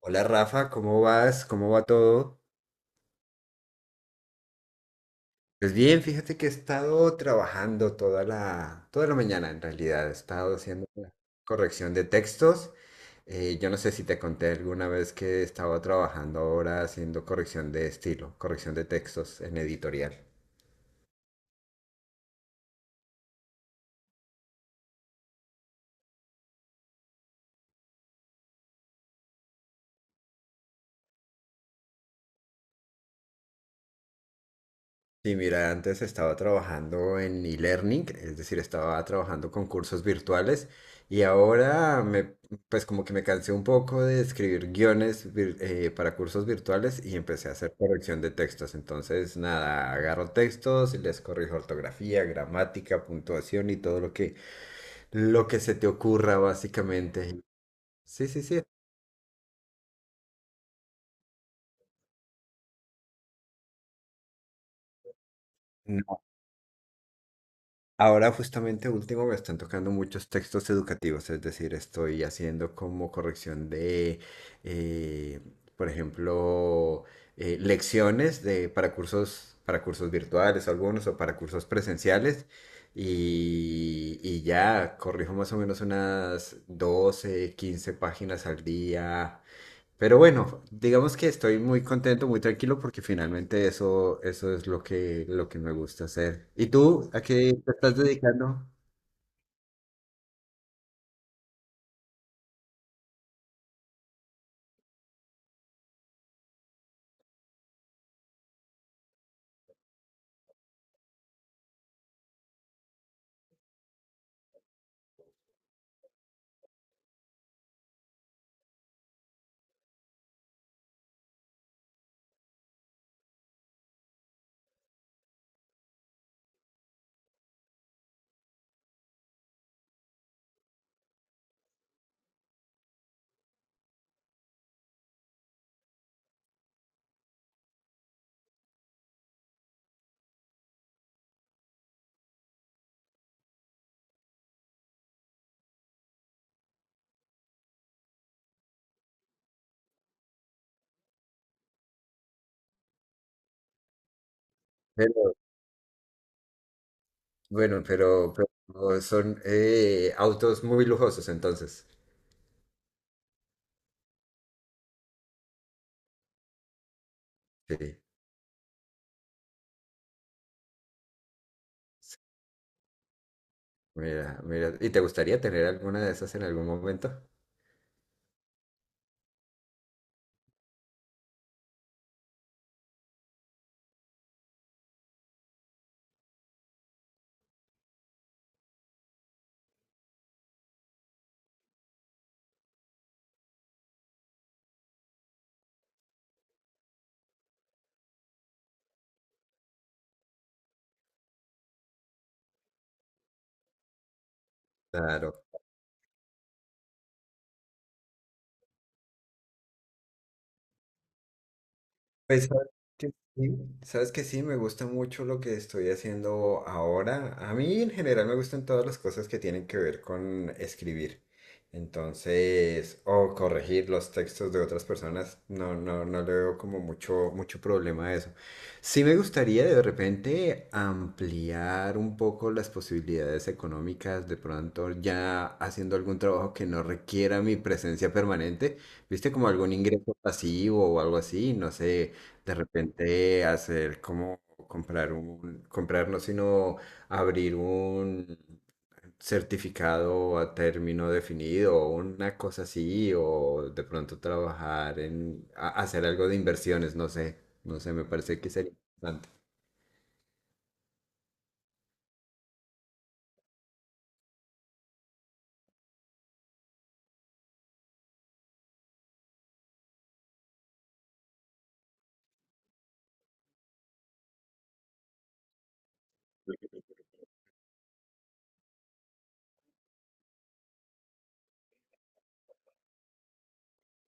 Hola Rafa, ¿cómo vas? ¿Cómo va todo? Pues bien, fíjate que he estado trabajando toda la mañana en realidad, he estado haciendo una corrección de textos. Yo no sé si te conté alguna vez que estaba trabajando ahora haciendo corrección de estilo, corrección de textos en editorial. Sí, mira, antes estaba trabajando en e-learning, es decir, estaba trabajando con cursos virtuales y ahora pues como que me cansé un poco de escribir guiones para cursos virtuales y empecé a hacer corrección de textos. Entonces, nada, agarro textos y les corrijo ortografía, gramática, puntuación y todo lo que se te ocurra básicamente. Sí, sí, sí. Ahora justamente último me están tocando muchos textos educativos, es decir, estoy haciendo como corrección de, eh, por ejemplo, lecciones de, para cursos virtuales algunos o para cursos presenciales y ya corrijo más o menos unas 12 15 páginas al día, pero bueno, digamos que estoy muy contento, muy tranquilo porque finalmente eso es lo que me gusta hacer. ¿Y tú a qué te estás dedicando? Pero, bueno, pero son autos muy lujosos entonces. Sí, sí, mira, mira. ¿Y te gustaría tener alguna de esas en algún momento? Claro. Pues que sí, sabes que sí, me gusta mucho lo que estoy haciendo ahora. A mí en general me gustan todas las cosas que tienen que ver con escribir. Entonces, o corregir los textos de otras personas, no, no, no le veo como mucho, mucho problema a eso. Sí me gustaría de repente ampliar un poco las posibilidades económicas, de pronto ya haciendo algún trabajo que no requiera mi presencia permanente, viste como algún ingreso pasivo o algo así, no sé, de repente hacer como comprar un, comprar no, sino abrir un certificado a término definido o una cosa así, o de pronto trabajar en hacer algo de inversiones, no sé, no sé, me parece que sería interesante.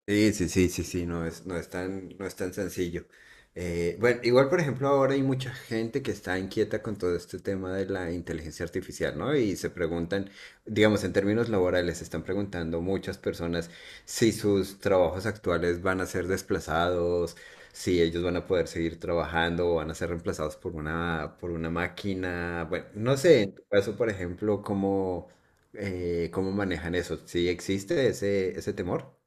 Sí, sí, sí, sí, sí, no es tan sencillo. Bueno, igual, por ejemplo, ahora hay mucha gente que está inquieta con todo este tema de la inteligencia artificial, ¿no? Y se preguntan, digamos, en términos laborales, se están preguntando muchas personas si sus trabajos actuales van a ser desplazados, si ellos van a poder seguir trabajando o van a ser reemplazados por una máquina. Bueno, no sé, en tu caso, por ejemplo, cómo manejan eso. ¿Sí existe ese temor?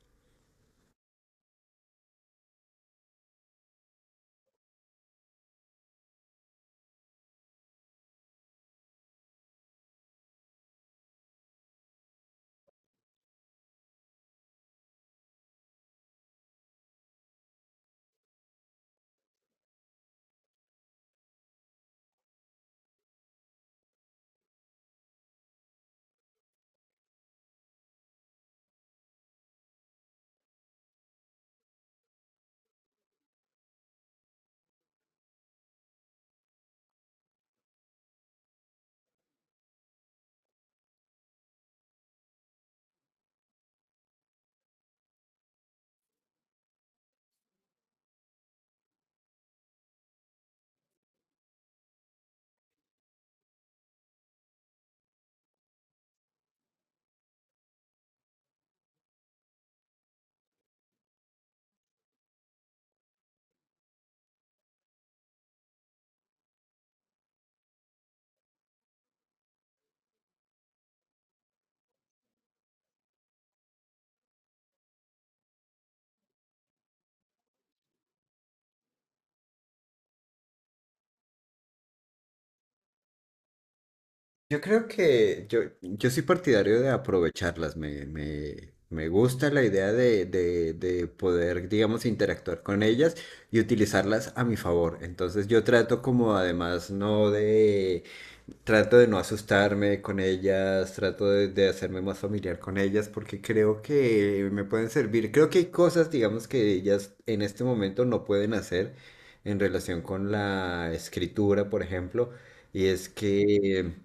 Yo creo que yo soy partidario de aprovecharlas. Me gusta la idea de poder, digamos, interactuar con ellas y utilizarlas a mi favor. Entonces yo trato como además no de, trato de, no asustarme con ellas, trato de hacerme más familiar con ellas porque creo que me pueden servir. Creo que hay cosas, digamos, que ellas en este momento no pueden hacer en relación con la escritura, por ejemplo. Y es que...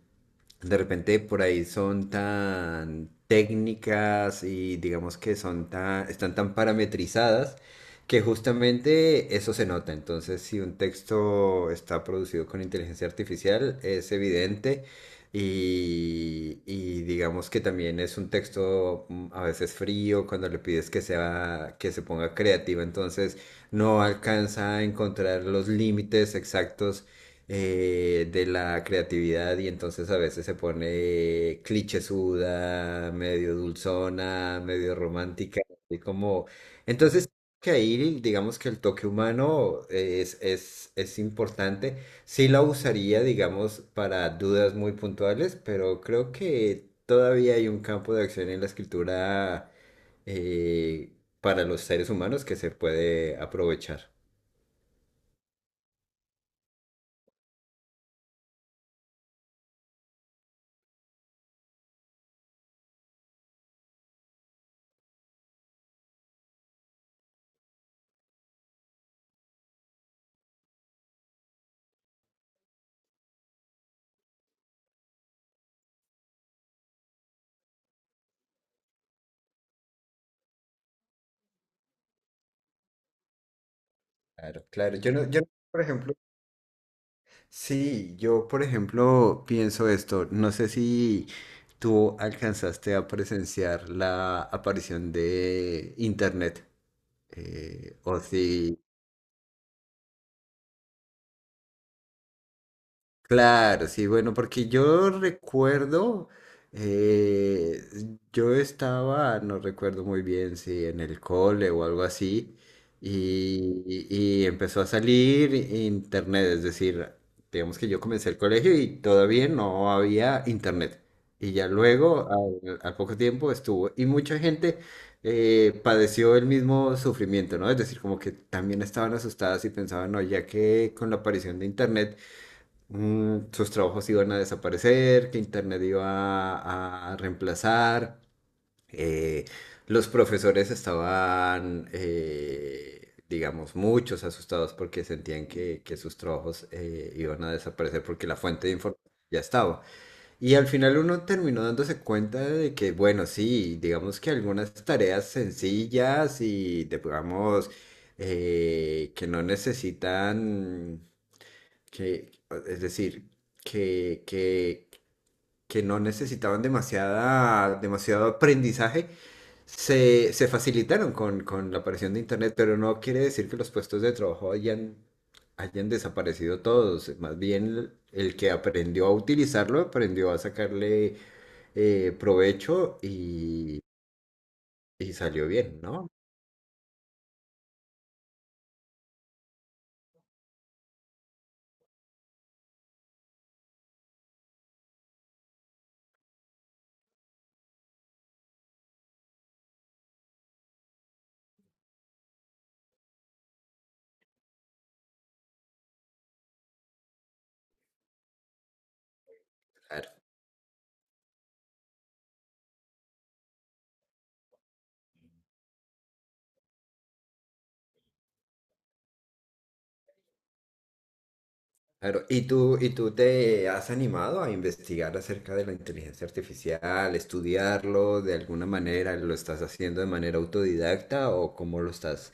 De repente por ahí son tan técnicas y digamos que son tan, están tan parametrizadas que justamente eso se nota. Entonces, si un texto está producido con inteligencia artificial, es evidente y digamos que también es un texto a veces frío cuando le pides que sea, que se ponga creativa, entonces no alcanza a encontrar los límites exactos de la creatividad y entonces a veces se pone clichésuda, medio dulzona, medio romántica, y como... Entonces, que ahí digamos que el toque humano es importante. Sí la usaría, digamos, para dudas muy puntuales, pero creo que todavía hay un campo de acción en la escritura eh, para los seres humanos que se puede aprovechar. Claro, claro. Yo no, yo no, por ejemplo. Sí, yo por ejemplo pienso esto, no sé si tú alcanzaste a presenciar la aparición de Internet, o si Claro, sí, bueno, porque yo recuerdo, eh, yo estaba, no recuerdo muy bien si en el cole o algo así, y empezó a salir internet, es decir, digamos que yo comencé el colegio y todavía no había internet. Y ya luego, al poco tiempo estuvo, y mucha gente padeció el mismo sufrimiento, ¿no? Es decir, como que también estaban asustadas y pensaban, no, ya que con la aparición de internet, sus trabajos iban a desaparecer, que Internet iba a reemplazar, eh, los profesores estaban, digamos, muchos asustados porque sentían que sus trabajos iban a desaparecer porque la fuente de información ya estaba. Y al final uno terminó dándose cuenta de que, bueno, sí, digamos que algunas tareas sencillas y, digamos, que no necesitan que, es decir, que, que, que no necesitaban demasiada, demasiado aprendizaje, se facilitaron con la aparición de Internet, pero no quiere decir que los puestos de trabajo hayan desaparecido todos. Más bien, el que aprendió a utilizarlo, aprendió a sacarle provecho y salió bien, ¿no? Claro, ¿y tú te has animado a investigar acerca de la inteligencia artificial, estudiarlo de alguna manera? ¿Lo estás haciendo de manera autodidacta o cómo lo estás?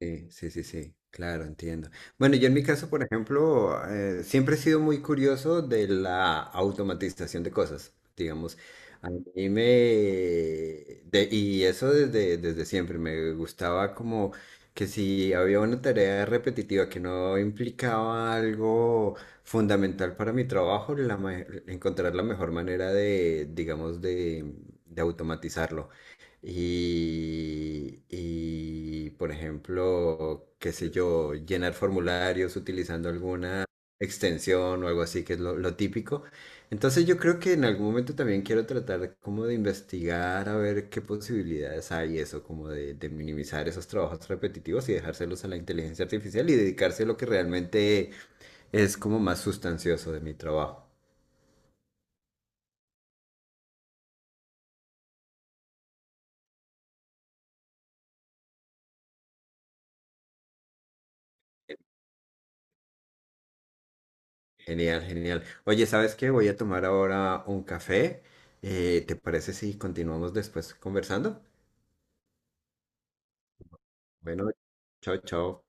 Sí, sí, sí, sí, claro, entiendo. Bueno, yo en mi caso, por ejemplo, siempre he sido muy curioso de la automatización de cosas, digamos. A mí me... de- Y eso desde siempre, me gustaba como que si había una tarea repetitiva que no implicaba algo fundamental para mi trabajo, encontrar la mejor manera de, digamos, de automatizarlo. Y, por ejemplo, qué sé yo, llenar formularios utilizando alguna extensión o algo así, que es lo típico. Entonces yo creo que en algún momento también quiero tratar como de investigar a ver qué posibilidades hay eso, como de minimizar esos trabajos repetitivos y dejárselos a la inteligencia artificial y dedicarse a lo que realmente es como más sustancioso de mi trabajo. Genial, genial. Oye, ¿sabes qué? Voy a tomar ahora un café. ¿Te parece si continuamos después conversando? Bueno, chao, chao.